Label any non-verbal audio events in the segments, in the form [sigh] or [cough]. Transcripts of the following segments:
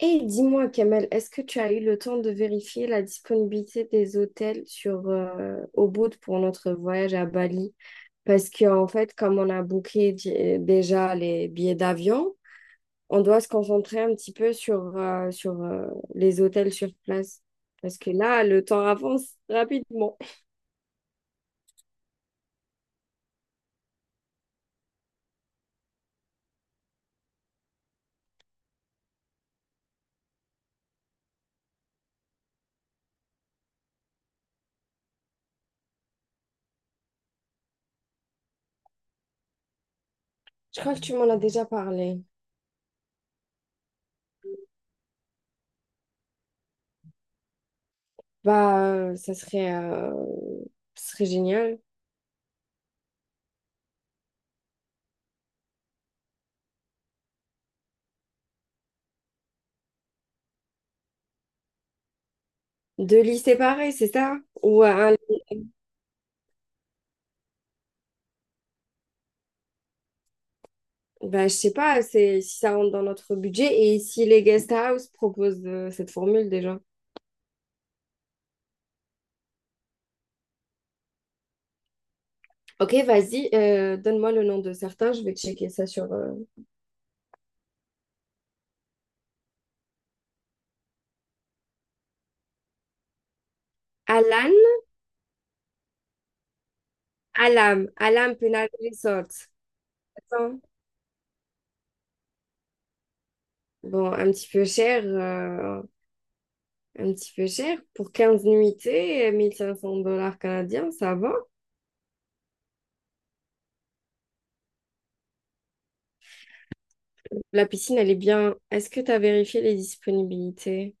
Et dis-moi, Kamel, est-ce que tu as eu le temps de vérifier la disponibilité des hôtels sur Ubud pour notre voyage à Bali? Parce que en fait, comme on a booké déjà les billets d'avion, on doit se concentrer un petit peu sur les hôtels sur place. Parce que là, le temps avance rapidement. Je crois que tu m'en as déjà parlé. Bah, euh, ça serait, euh, ça serait génial. Deux lits séparés, c'est ça? Ou un ben, je sais pas, c'est si ça rentre dans notre budget et si les guest house proposent cette formule déjà. Ok, vas-y, donne-moi le nom de certains, je vais checker ça sur Alan, Alam, Alam Penal Resort. Attends. Bon, un petit peu cher, un petit peu cher pour 15 nuitées, 1500 dollars canadiens, ça va. La piscine, elle est bien. Est-ce que tu as vérifié les disponibilités?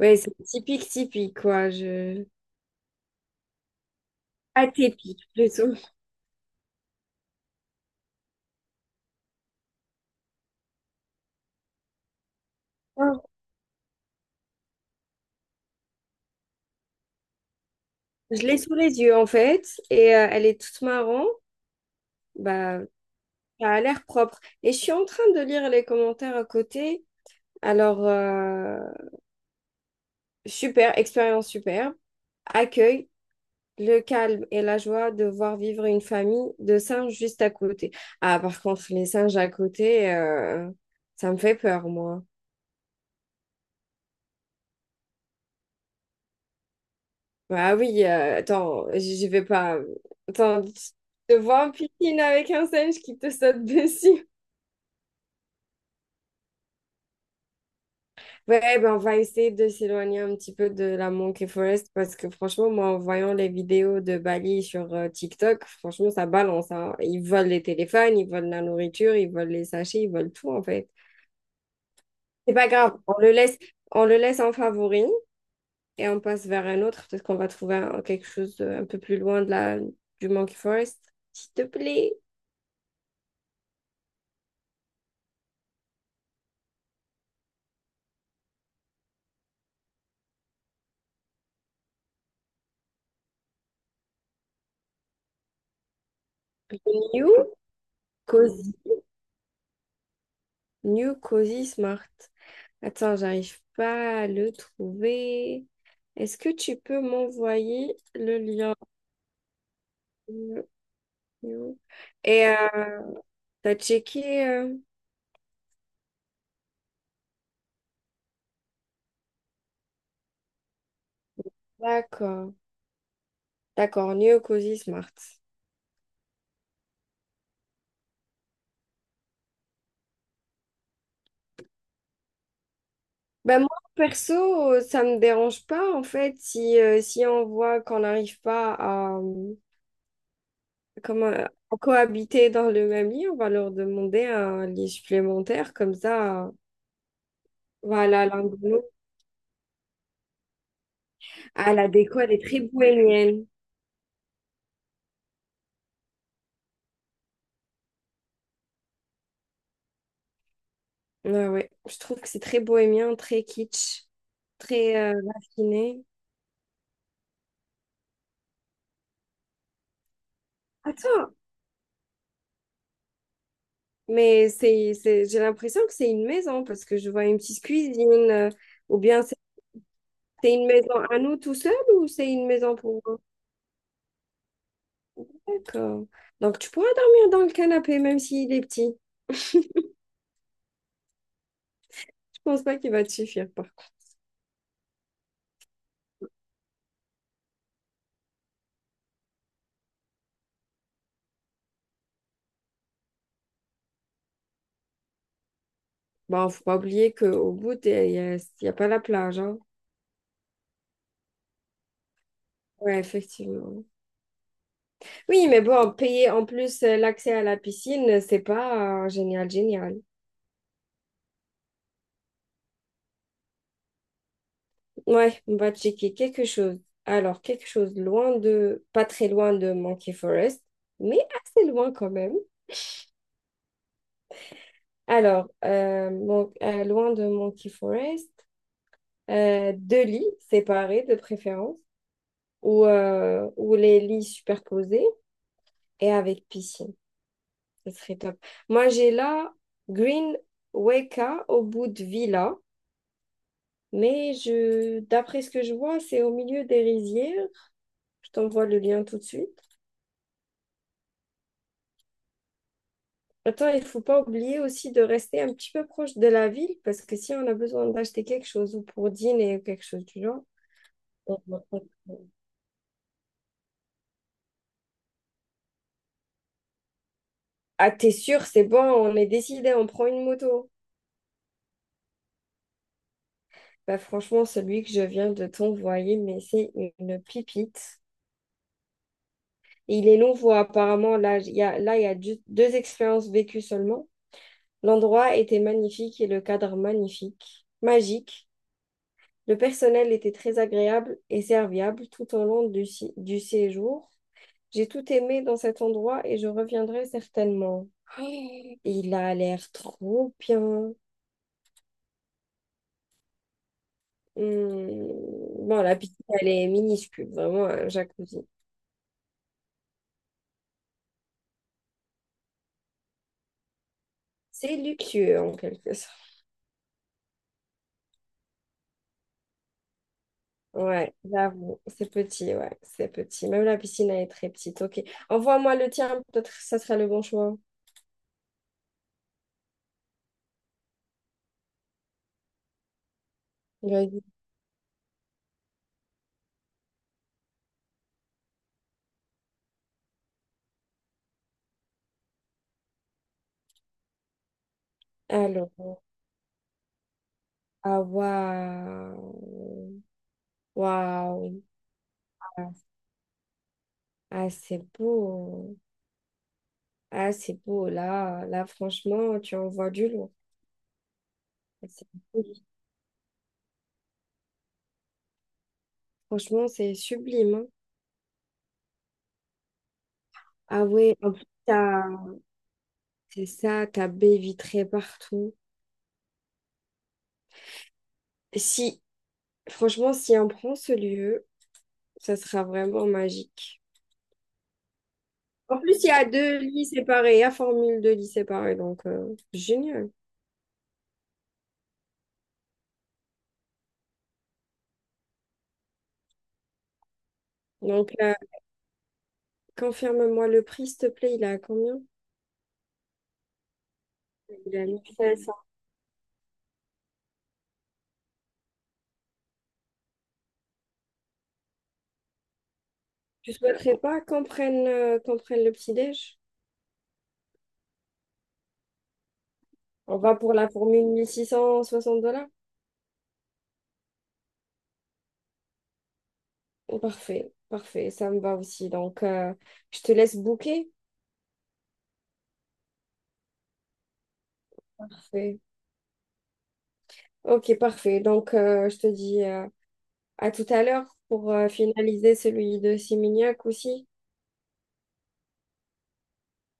Ouais, c'est typique, typique, quoi. Je... atypique, plutôt. Ah, je l'ai sous les yeux, en fait, et elle est toute marron. Bah, ça a l'air propre. Et je suis en train de lire les commentaires à côté. Alors, euh, super, expérience superbe. Accueille le calme et la joie de voir vivre une famille de singes juste à côté. Ah, par contre, les singes à côté, ça me fait peur, moi. Ah oui, attends, je vais pas. Attends, tu te vois en piscine avec un singe qui te saute dessus. Ouais, ben on va essayer de s'éloigner un petit peu de la Monkey Forest parce que franchement, moi, en voyant les vidéos de Bali sur TikTok, franchement, ça balance, hein. Ils volent les téléphones, ils volent la nourriture, ils volent les sachets, ils volent tout, en fait. C'est pas grave, on le laisse en favori et on passe vers un autre. Peut-être qu'on va trouver quelque chose un peu plus loin de la, du Monkey Forest. S'il te plaît. New Cozy. New Cozy Smart. Attends, j'arrive pas à le trouver. Est-ce que tu peux m'envoyer le lien? New- Et t'as checké? D'accord. D'accord, New Cozy Smart. Ben moi, perso, ça me dérange pas, en fait, si on voit qu'on n'arrive pas à, comment, à cohabiter dans le même lit, on va leur demander un lit supplémentaire, comme ça, voilà, l'un de nous. Ah, la déco, elle est très bohémienne. Ouais, ouais. Je trouve que c'est très bohémien, très kitsch, très raffiné. Attends, mais c'est, j'ai l'impression que c'est une maison, parce que je vois une petite cuisine, ou bien c'est une maison à nous tout seuls, ou c'est une maison pour... d'accord. Donc, tu pourras dormir dans le canapé, même s'il est petit. Je pense pas qu'il va te suffire, par contre. Bon, faut pas oublier qu'au bout, il n'y a, y a pas la plage, hein. Ouais, effectivement. Oui, mais bon, payer en plus l'accès à la piscine, c'est pas génial, génial. Ouais, on va checker quelque chose. Alors, quelque chose loin de, pas très loin de Monkey Forest, mais assez loin quand même. Alors, loin de Monkey Forest, deux lits séparés de préférence. Ou ou les lits superposés et avec piscine. Ce serait top. Moi, j'ai là Green Weka au bout de Villa, mais je, d'après ce que je vois, c'est au milieu des rizières. Je t'envoie le lien tout de suite. Attends, il faut pas oublier aussi de rester un petit peu proche de la ville parce que si on a besoin d'acheter quelque chose ou pour dîner ou quelque chose du genre. on- on- on- Ah, t'es sûr, c'est bon, on est décidé, on prend une moto. Bah franchement, celui que je viens de t'envoyer, mais c'est une pipite. Et il est nouveau apparemment. Là, il y a deux expériences vécues seulement. L'endroit était magnifique et le cadre magnifique, magique. Le personnel était très agréable et serviable tout au long du, si- du séjour. J'ai tout aimé dans cet endroit et je reviendrai certainement. [gasps] Oh, il a l'air trop bien. Hmm. Bon, la piscine, elle est minuscule, vraiment un jacuzzi. C'est luxueux en quelque sorte. Ouais, j'avoue, c'est petit, ouais, c'est petit. Même la piscine, elle est très petite. Ok, envoie-moi le tien, peut-être que ça serait le bon choix. Vas-y. Alors, ah, waouh, waouh, ah, c'est beau, ah, c'est beau. Là, là, franchement, tu envoies du lourd. C'est beau. Franchement, c'est sublime, hein. Ah, ouais, en plus, t'as, c'est ça, t'as baie vitrée partout. Si, franchement, si on prend ce lieu, ça sera vraiment magique. En plus, il y a deux lits séparés, il y a formule deux lits séparés, donc génial. Donc, confirme-moi le prix, s'il te plaît, il est à combien? Il est à 1500. Tu souhaiterais pas qu'on prenne, qu'on prenne le petit-déj? On va pour la formule 1660 dollars? Parfait, parfait, ça me va aussi. Donc, je te laisse booker. Parfait. Ok, parfait. Donc, je te dis à tout à l'heure pour finaliser celui de Simignac aussi.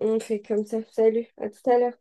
On fait comme ça. Salut, à tout à l'heure.